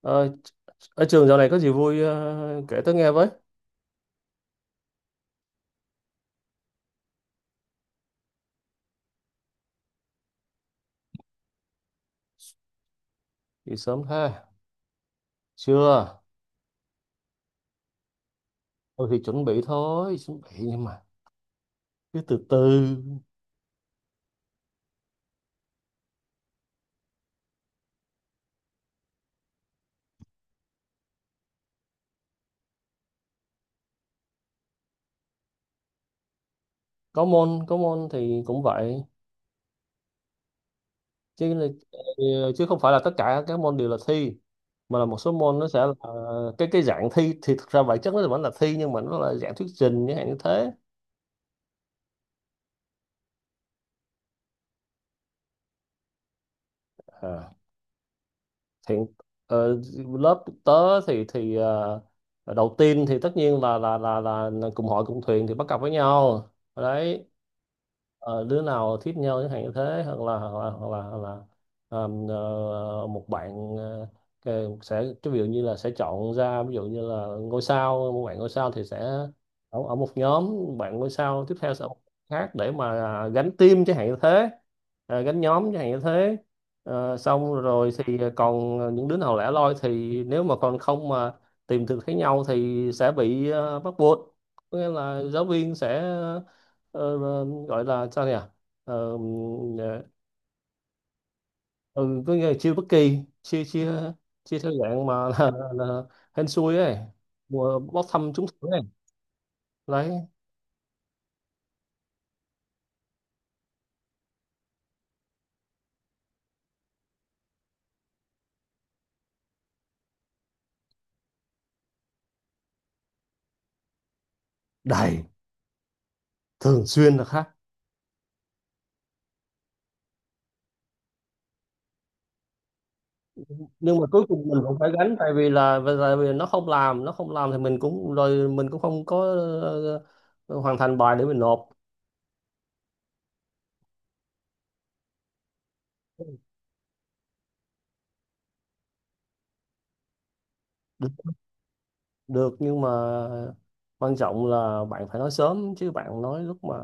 Ờ, ở trường dạo này có gì vui, kể tớ nghe với. Thì sớm ha. Chưa. Tôi thì chuẩn bị thôi, chuẩn bị nhưng mà cứ từ từ. Có môn thì cũng vậy. Chứ là- Chứ không phải là tất cả các môn đều là thi, mà là một số môn nó sẽ là cái dạng thi. Thì thực ra bản chất nó vẫn là thi nhưng mà nó là dạng thuyết trình như hạn như thế. À, thì ờ, lớp tớ thì đầu tiên thì tất nhiên là cùng hội cùng thuyền thì bắt cặp với nhau đấy. Ờ, Đứa nào thích nhau chẳng hạn như thế, hoặc là một bạn, sẽ cái ví dụ như là sẽ chọn ra, ví dụ như là ngôi sao, một bạn ngôi sao thì sẽ ở, một nhóm, bạn ngôi sao tiếp theo sẽ ở một khác để mà gánh team chẳng hạn như thế, à, gánh nhóm chẳng hạn như thế. Ờ, xong rồi thì còn những đứa nào lẻ loi, thì nếu mà còn không mà tìm được thấy nhau thì sẽ bị, bắt buộc, có nghĩa là giáo viên sẽ gọi là sao nhỉ, ờ, ừ, có nghĩa là chiêu bất kỳ, chia chia chia theo dạng mà là hên xui ấy, mùa bốc thăm trúng thưởng ấy. Đấy. Đầy, thường xuyên là khác. Nhưng mà cuối cùng mình cũng phải gánh, tại vì là tại vì nó không làm, nó không làm thì mình cũng rồi mình cũng không có ờ, hoàn thành bài để mình nộp. Được, được nhưng mà quan trọng là bạn phải nói sớm chứ bạn nói lúc mà,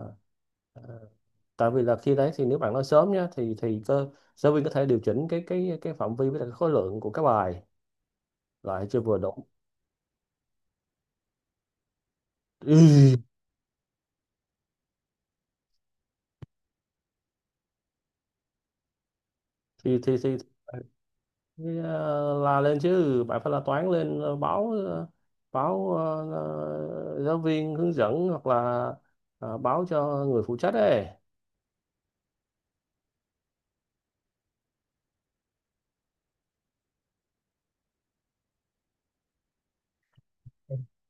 tại vì là khi đấy thì nếu bạn nói sớm nhá thì cơ giáo viên có thể điều chỉnh cái phạm vi với lại cái khối lượng của các bài lại chưa vừa đủ. Ừ. thì thì thì La lên chứ, bạn phải la toán lên, báo, báo ờ, giáo viên hướng dẫn, hoặc là báo cho người phụ trách ấy.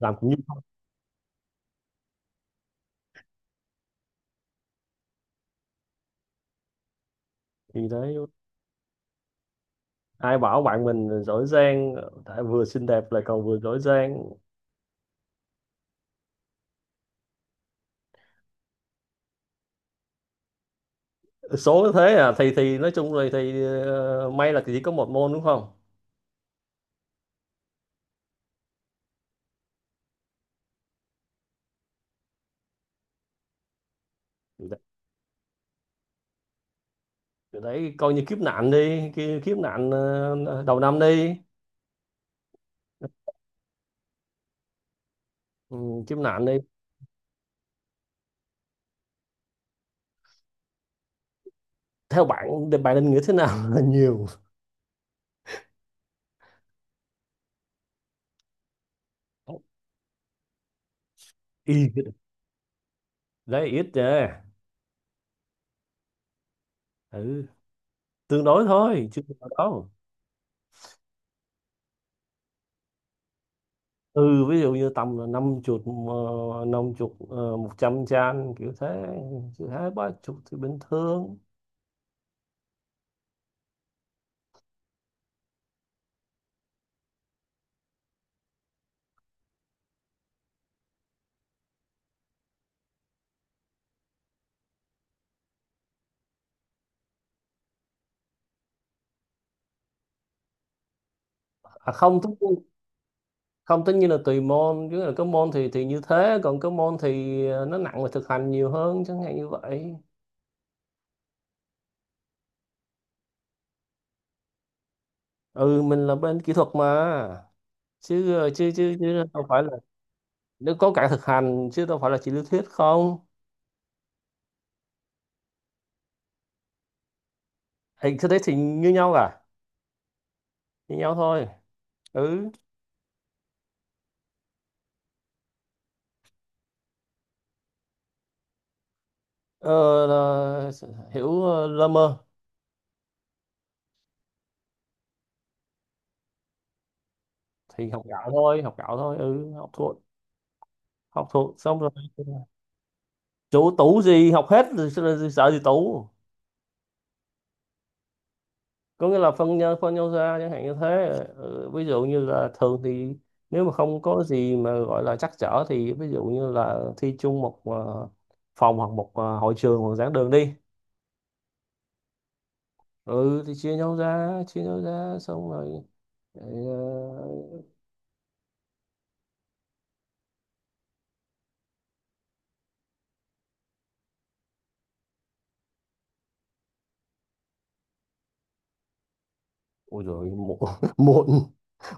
Làm cũng như không. Thì đấy, ai bảo bạn mình giỏi giang, tại vừa xinh đẹp lại còn vừa giỏi giang. Số thế à, thì nói chung là thì may là chỉ có một môn đúng không. Cái đấy coi như kiếp nạn đi, cái kiếp nạn đầu năm đi. Ừ, kiếp nạn đi. Theo bạn thì bạn định nghĩa thế nào là nhiều? Y đấy, ít nha. Ừ, tương đối thôi chứ không phải đâu. Ừ, ví dụ như tầm năm chục, năm chục, một trăm trang kiểu thế, chứ hai ba chục thì bình thường. à, không tất nhiên- Không tất nhiên là tùy môn, chứ là có môn thì như thế, còn có môn thì nó nặng về thực hành nhiều hơn chẳng hạn như vậy. Ừ, mình là bên kỹ thuật mà, chứ ờ, chứ chứ chứ đâu phải là, nếu có cả thực hành chứ đâu phải là chỉ lý thuyết không. Thì cái đấy thì như nhau cả, như nhau thôi. Ừ. ờ, là hiểu, lơ mơ. Thì học gạo thôi, học gạo thôi, ừ, học thuộc, học thuộc xong rồi. Chủ tủ gì, học hết rồi sao lại sợ gì tủ. Có nghĩa là phân nhau ra chẳng hạn như thế. Ừ, ví dụ như là thường thì nếu mà không có gì mà gọi là trắc trở, thì ví dụ như là thi chung một, phòng, hoặc một hội trường, hoặc giảng đường đi. Ừ thì chia nhau ra xong rồi. Đấy. Ôi rồi muộn, muộn,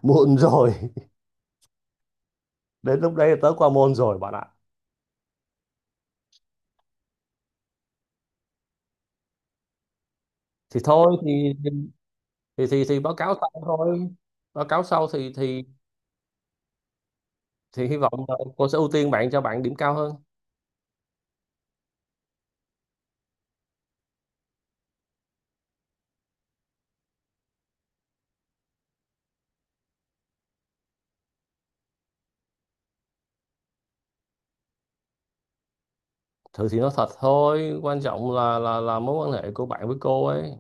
muộn rồi. Đến lúc đấy là tớ qua môn rồi bạn ạ. Thì thôi Thì báo cáo sau thôi. Báo cáo sau thì thì hy vọng là cô sẽ ưu tiên bạn, cho bạn điểm cao hơn. Thử thì nói thật thôi, quan trọng là mối quan hệ của bạn với cô ấy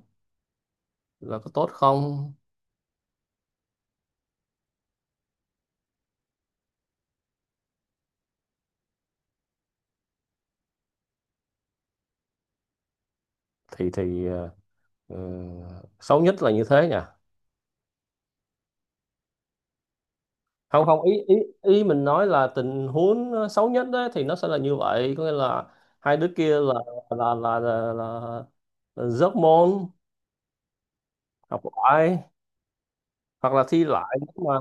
là có tốt không. thì thì ờ, ờ, Xấu nhất là như thế nhỉ. Không không, ý ý ý mình nói là tình huống xấu nhất đấy thì nó sẽ là như vậy, có nghĩa là hai đứa kia là là là là, là, là rớt môn, học lại. hoặc là thi lại nếu mà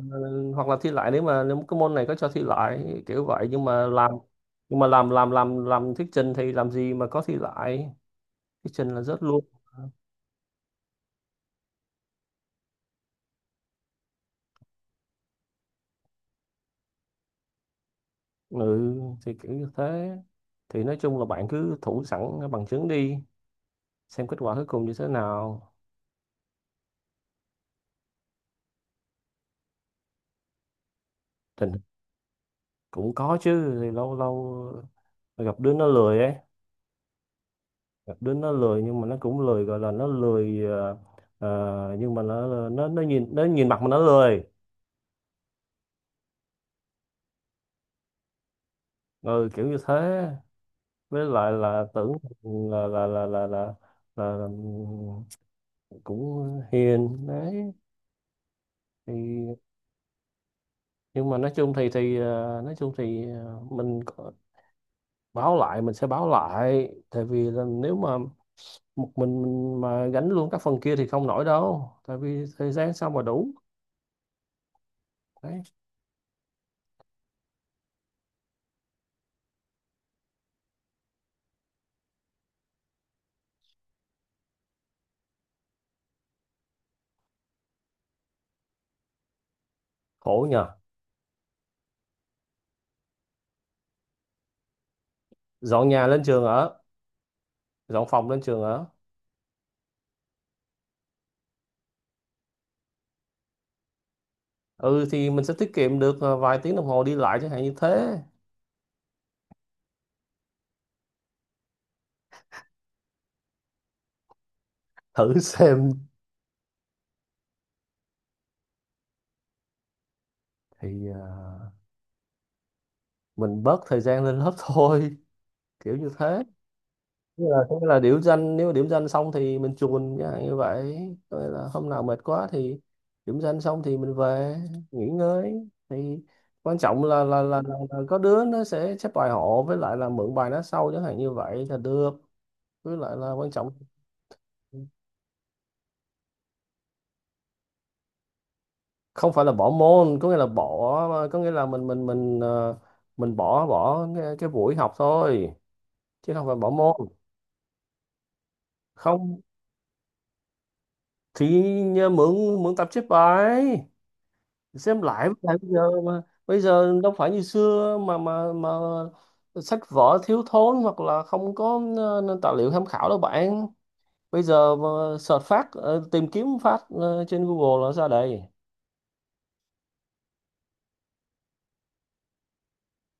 Hoặc là thi lại, nếu mà nếu cái môn này có cho thi lại kiểu vậy. Nhưng mà làm, thuyết trình thì làm gì mà có thi lại, thuyết trình là rớt luôn. Ừ thì kiểu như thế. Thì nói chung là bạn cứ thủ sẵn bằng chứng đi, xem kết quả cuối cùng như thế nào. tình Cũng có chứ, thì lâu lâu gặp đứa nó lười ấy, gặp đứa nó lười. Nhưng mà nó cũng lười, gọi là nó lười, nhưng mà nó nhìn mặt mà nó lười. Ừ, kiểu như thế. Với lại là tưởng là là là là là, là cũng hiền đấy. Thì nhưng mà nói chung thì nói chung thì báo lại, mình sẽ báo lại, tại vì là nếu mà một mình mà gánh luôn các phần kia thì không nổi đâu, tại vì thời gian sao mà đủ. Đấy. Khổ nhờ. Dọn nhà lên trường ở, dọn phòng lên trường ở. Ừ thì mình sẽ tiết kiệm được vài tiếng đồng hồ đi lại chẳng hạn như thế. Thử xem. thì ờ, mình bớt thời gian lên lớp thôi, kiểu như thế. Nghĩa là, có nghĩa là điểm danh, nếu mà điểm danh xong thì mình chuồn chẳng hạn như vậy. Có nghĩa là hôm nào mệt quá thì điểm danh xong thì mình về nghỉ ngơi. Thì quan trọng là có đứa nó sẽ chép bài hộ, với lại là mượn bài nó sau chẳng hạn như vậy là được. Với lại là quan trọng, không phải là bỏ môn, có nghĩa là bỏ, có nghĩa là mình, mình bỏ bỏ cái buổi học thôi, chứ không phải bỏ môn. Không thì nhờ, mượn mượn tập chép bài xem lại. Với lại bây giờ mà, bây giờ đâu phải như xưa mà sách vở thiếu thốn, hoặc là không có nền tài liệu tham khảo đâu bạn. Bây giờ mà search phát, tìm kiếm phát trên Google là ra đây.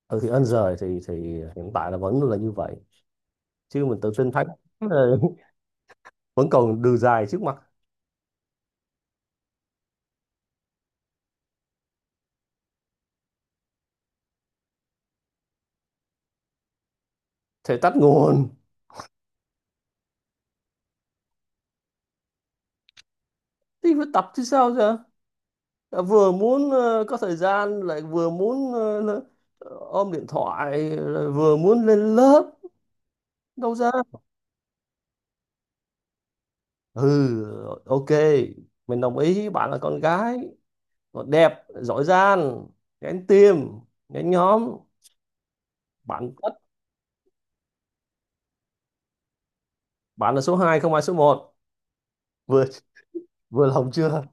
Ừ thì ơn giời thì hiện tại là vẫn là như vậy, chứ mình tự tin thấy. Vẫn còn đường dài trước mặt. Thể tắt nguồn. Thì phải tập chứ sao giờ, vừa muốn có thời gian, lại vừa muốn ôm điện thoại, lại vừa muốn lên lớp, đâu ra. Ừ, ok, mình đồng ý bạn là con gái, còn đẹp, giỏi giang, gánh tim, gánh nhóm, bạn tất. Bạn là số hai, không ai số một, vừa, vừa lòng chưa.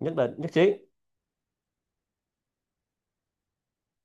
Nhất định, nhất trí.